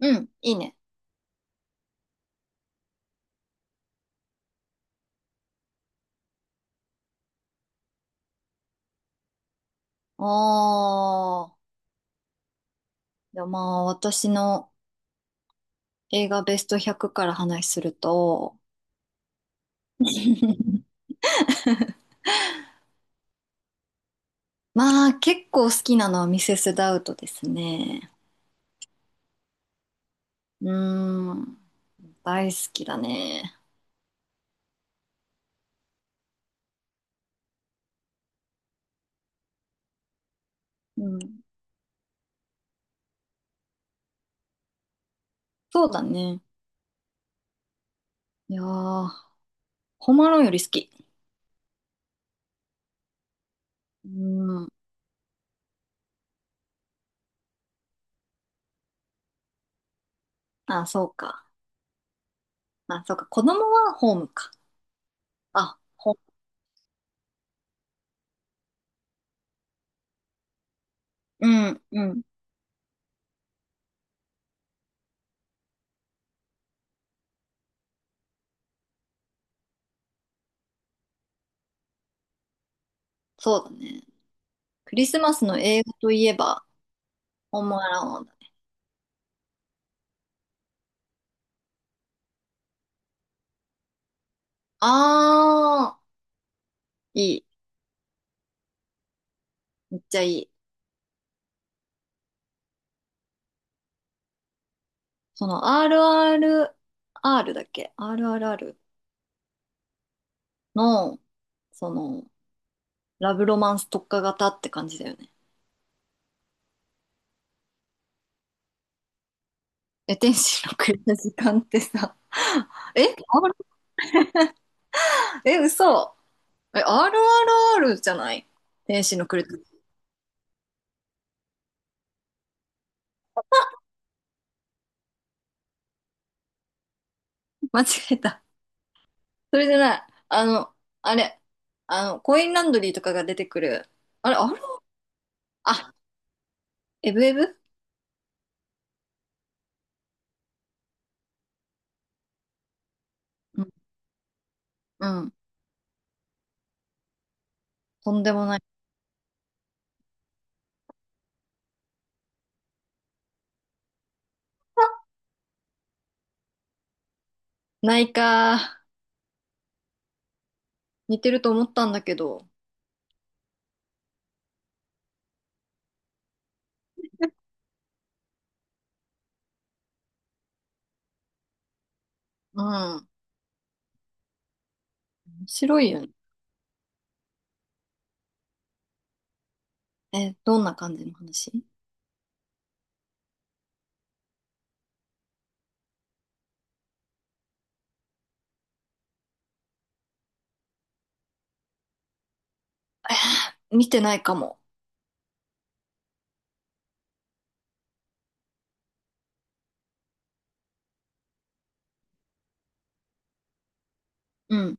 うん、いいね。ああ、いやまあ私の映画ベスト100から話すると、まあ結構好きなのはミセス・ダウトですね。うーん、大好きだね。うん、そうだね。いやー、ホームアローンより好き。うーん、あ、そうか。あ、そうか。子供はホームか。あ、ほ、うん、うん、そうだね。クリスマスの映画といえば、ホームアローンだね。あー、いい。めっちゃいい。その RRR だっけ？ RRR の、その、ラブロマンス特化型って感じだよね。え、天使のくれた時間ってさ、え、R- え、嘘。え、RRR じゃない天使のくれた。間違えた。それじゃない。あの、あれ、あの、コインランドリーとかが出てくる。あれ、あれあ、エブエブ。うん。うん、とんでもない。ないか。似てると思ったんだけど。うん。白いよね。え、どんな感じの話。見てないかも。うん、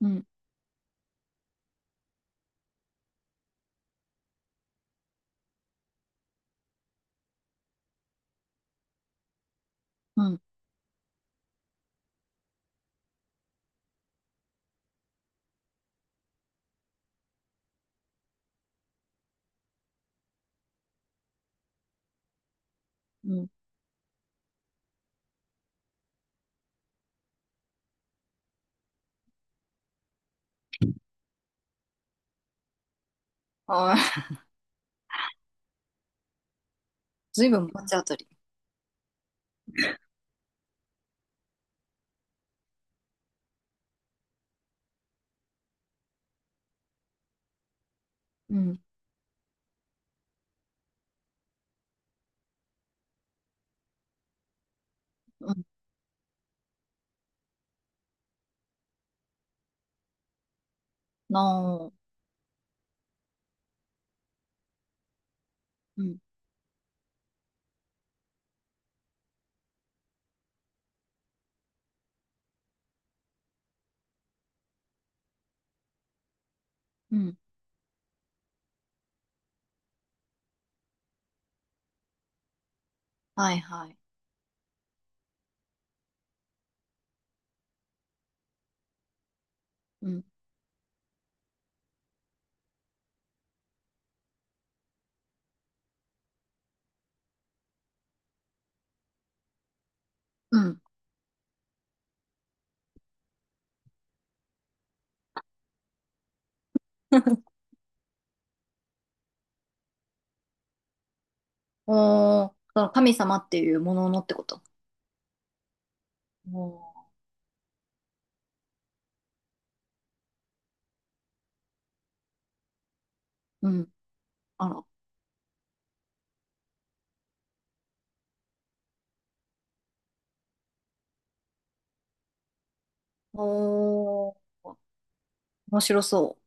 うん、うん、うん。はい。ずいぶん罰当たり。うん、うん、なあ。うん、うん。はい、はい。うん、うん。おー、その神様っていうもののってこと。おー、うん。あら。おー、面白そ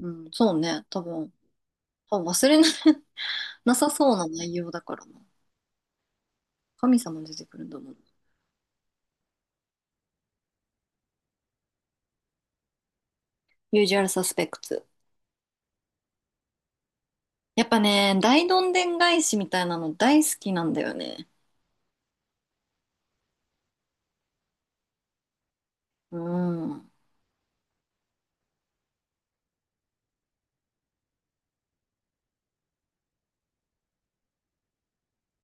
う。うん、そうね。多分忘れな、なさそうな内容だからな。神様出てくるんだもん。Usual suspects。やっぱね、大どんでん返しみたいなの大好きなんだよね。うん。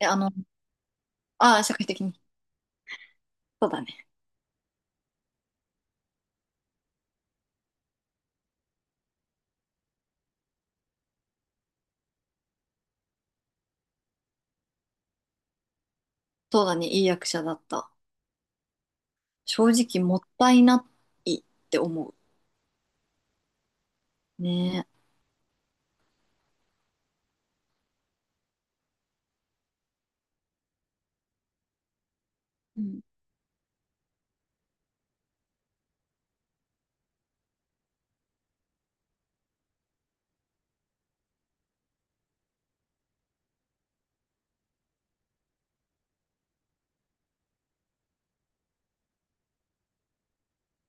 え、あの、ああ、社会的に。そうだね。そうだね。いい役者だった。正直もったいないって思う。ね。うん。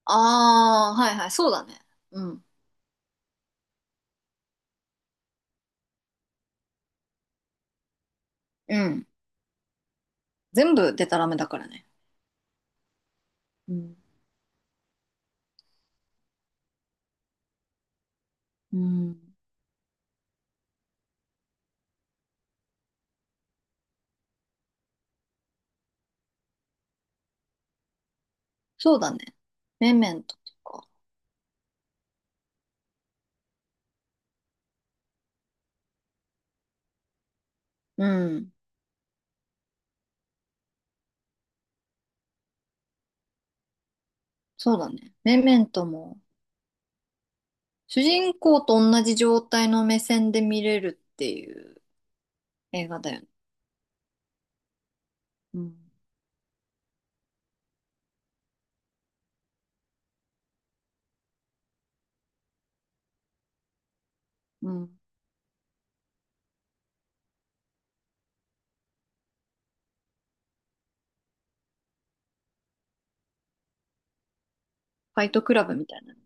ああ、はいはい。そうだね。うん。うん。全部デタラメだからね。うん。うん。そうだね。メメントとか。うん。そうだね。メメントも、主人公と同じ状態の目線で見れるっていう映画だよね。うん、うん。ファイトクラブみたいなの。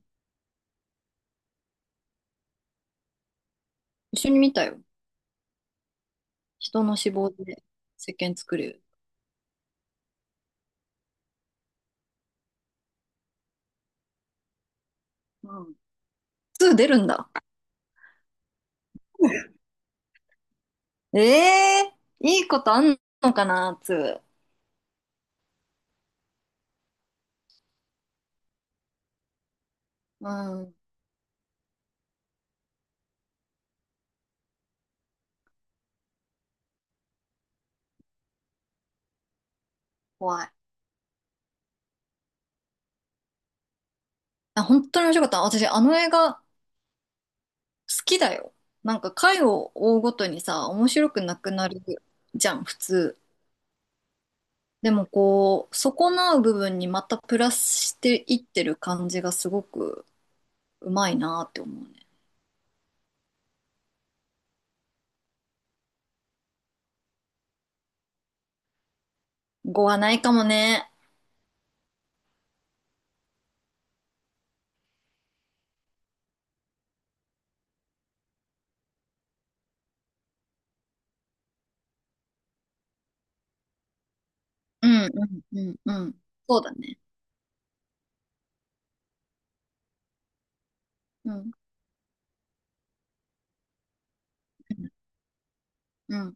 一緒に見たよ。人の脂肪で石鹸作る。うん。2出るんだ。ええー、いいことあんのかな、2。うん、怖い。あ、本当に面白かった。私、あの映画好きだよ。なんか回を追うごとにさ、面白くなくなるじゃん、普通。でもこう、損なう部分にまたプラスしていってる感じがすごくうまいなって思うね。語はないかもね。うん、うん、うん、うん。そうだね。うん。うん。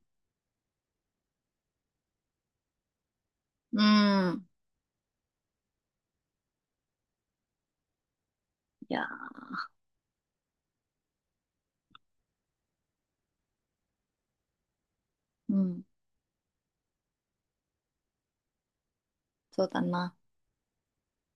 うん。いやー、うん。そうだな。